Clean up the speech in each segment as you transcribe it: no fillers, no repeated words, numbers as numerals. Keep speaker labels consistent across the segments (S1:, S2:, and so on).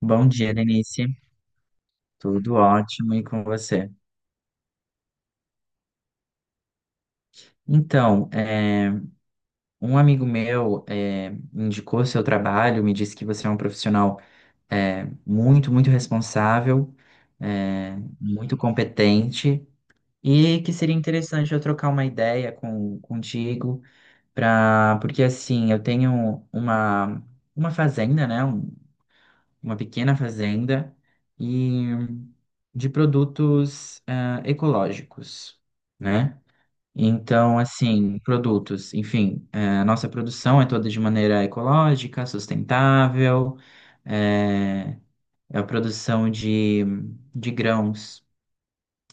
S1: Bom dia, Lenice. Tudo ótimo e com você? Então, é, um amigo meu indicou seu trabalho, me disse que você é um profissional muito responsável, muito competente e que seria interessante eu trocar uma ideia contigo, porque assim, eu tenho uma fazenda, né? Uma pequena fazenda e de produtos ecológicos, né? Então, assim, produtos, enfim, a nossa produção é toda de maneira ecológica, sustentável, eh, a produção de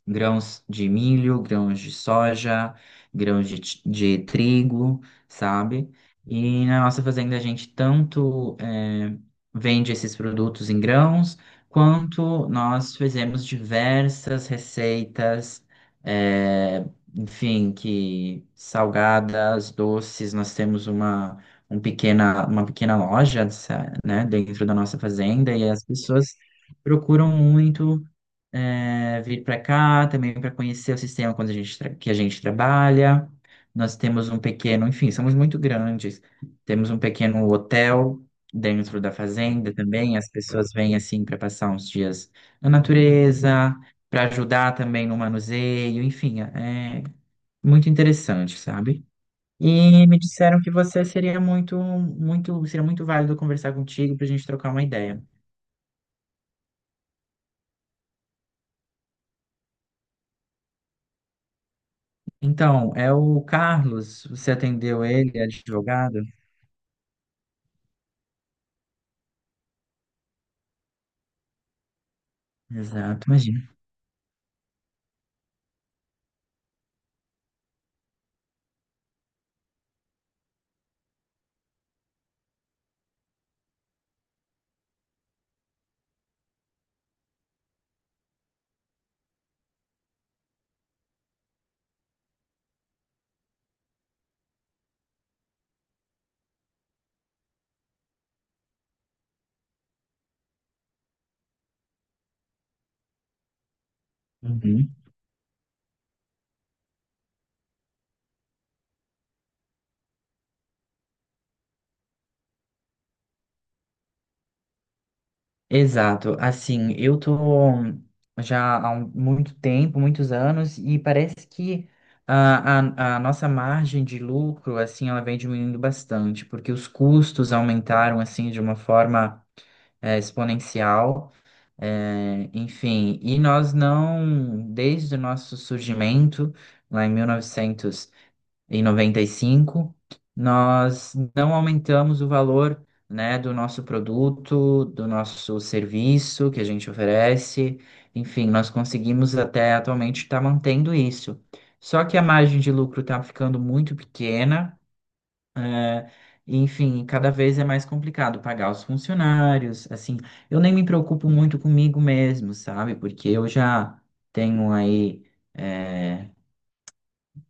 S1: grãos de milho, grãos de soja, de trigo, sabe? E na nossa fazenda a gente tanto vende esses produtos em grãos, quanto nós fizemos diversas receitas, eh, enfim, que salgadas, doces, um pequena, uma pequena loja, né, dentro da nossa fazenda e as pessoas procuram muito vir para cá também para conhecer o sistema quando a gente tra- que a gente trabalha. Nós temos um pequeno, enfim, somos muito grandes. Temos um pequeno hotel dentro da fazenda também. As pessoas vêm assim para passar uns dias na natureza, para ajudar também no manuseio, enfim, é muito interessante, sabe? E me disseram que você seria muito válido conversar contigo para a gente trocar uma ideia. Então, é o Carlos, você atendeu ele, é advogado? Exato, imagina. Uhum. Exato, assim, eu tô já muito tempo, muitos anos, e parece que a nossa margem de lucro, assim, ela vem diminuindo bastante, porque os custos aumentaram, assim, de uma forma exponencial, enfim, e nós não, desde o nosso surgimento, lá em 1995 nós não aumentamos o valor, né, do nosso produto, do nosso serviço que a gente oferece. Enfim, nós conseguimos até atualmente estar mantendo isso. Só que a margem de lucro está ficando muito pequena, é, e, enfim, cada vez é mais complicado pagar os funcionários. Assim, eu nem me preocupo muito comigo mesmo, sabe? Porque eu já tenho aí eh,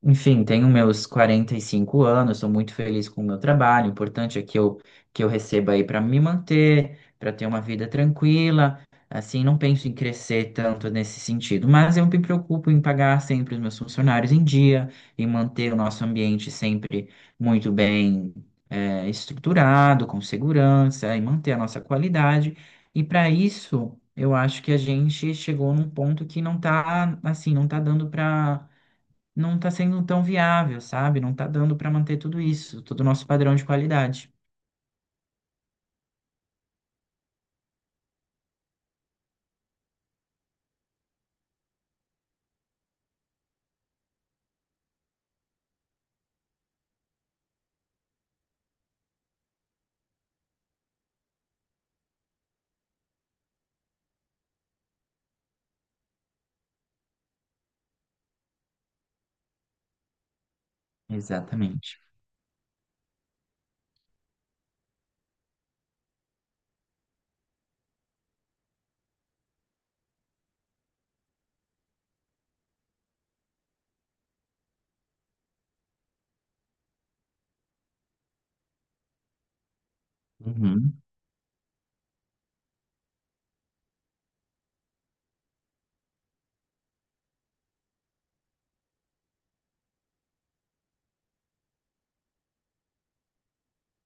S1: enfim, tenho meus 45 anos, sou muito feliz com o meu trabalho. O importante é que que eu receba aí para me manter, para ter uma vida tranquila. Assim, não penso em crescer tanto nesse sentido, mas eu me preocupo em pagar sempre os meus funcionários em dia e manter o nosso ambiente sempre muito bem, estruturado, com segurança e manter a nossa qualidade. E para isso, eu acho que a gente chegou num ponto que não está assim, não está dando para não está sendo tão viável, sabe? Não está dando para manter tudo isso, todo o nosso padrão de qualidade. Exatamente. Uhum,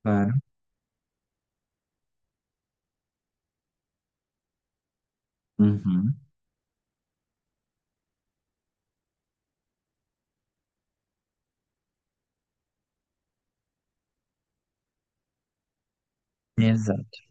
S1: claro. Uhum, exato.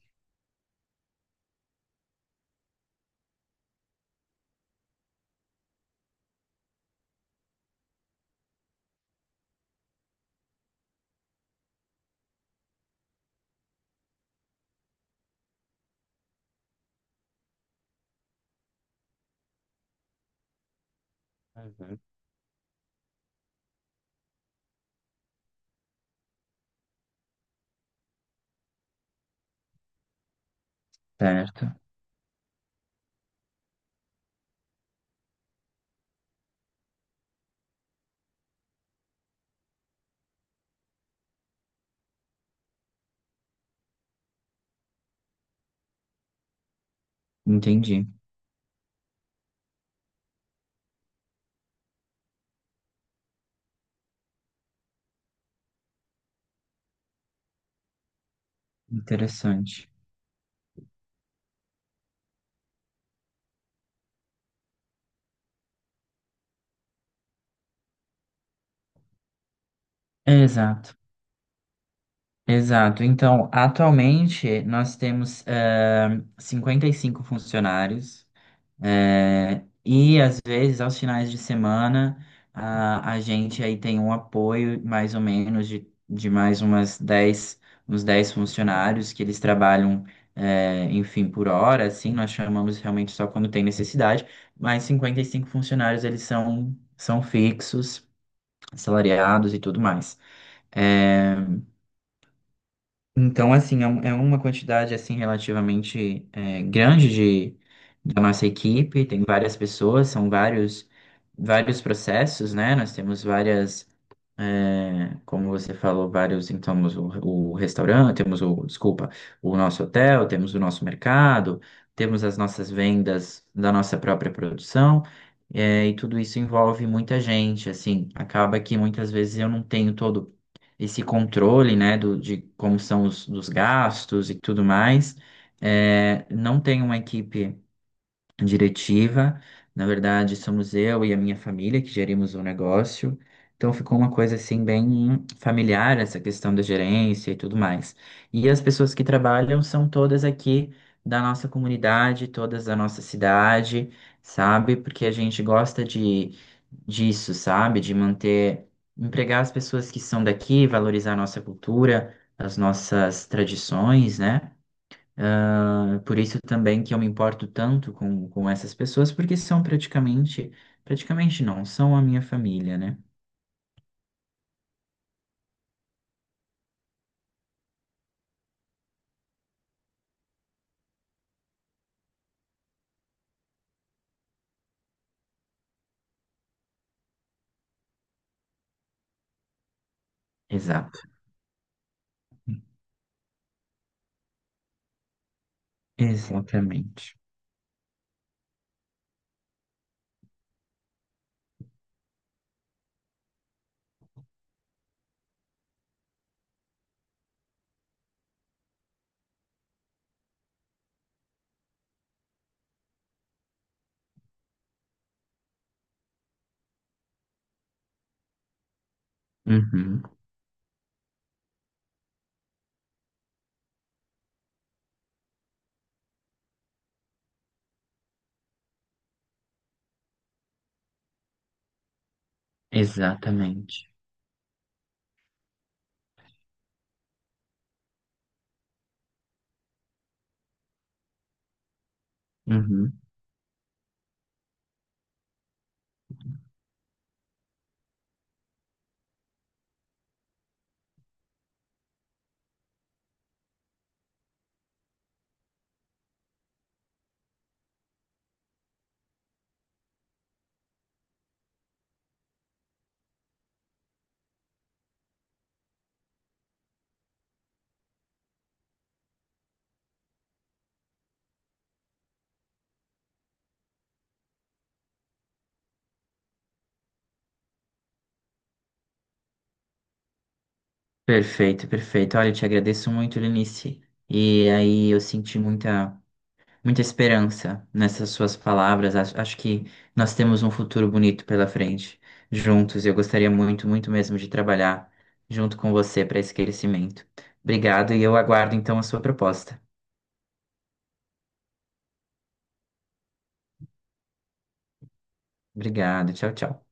S1: Uhum. Certo, entendi. Interessante. Exato, exato. Então, atualmente, nós temos 55 funcionários. É, e às vezes, aos finais de semana, a gente aí tem um apoio mais ou menos de mais umas 10 uns 10 funcionários que eles trabalham, é, enfim, por hora, assim, nós chamamos realmente só quando tem necessidade, mas 55 funcionários eles são, são fixos, assalariados e tudo mais. É, então, assim, é uma quantidade, assim, relativamente grande da nossa equipe, tem várias pessoas, vários processos, né? Nós temos como você falou, vários, então, o restaurante, desculpa, o nosso hotel, temos o nosso mercado, temos as nossas vendas da nossa própria produção, é, e tudo isso envolve muita gente, assim, acaba que muitas vezes eu não tenho todo esse controle, né, de como são os dos gastos e tudo mais. É, não tem uma equipe diretiva. Na verdade, somos eu e a minha família que gerimos o negócio. Então ficou uma coisa assim bem familiar essa questão da gerência e tudo mais. E as pessoas que trabalham são todas aqui da nossa comunidade, todas da nossa cidade, sabe? Porque a gente gosta de disso, sabe? De manter, empregar as pessoas que são daqui, valorizar a nossa cultura, as nossas tradições, né? Ah, por isso também que eu me importo tanto com essas pessoas, porque são praticamente, praticamente não, são a minha família, né? Exato, exatamente. Uhum, exatamente. Uhum. Perfeito, perfeito. Olha, eu te agradeço muito, Lenice. E aí eu senti muita esperança nessas suas palavras. Acho que nós temos um futuro bonito pela frente, juntos. Eu gostaria muito mesmo de trabalhar junto com você para esse crescimento. Obrigado e eu aguardo então a sua proposta. Obrigado, tchau, tchau.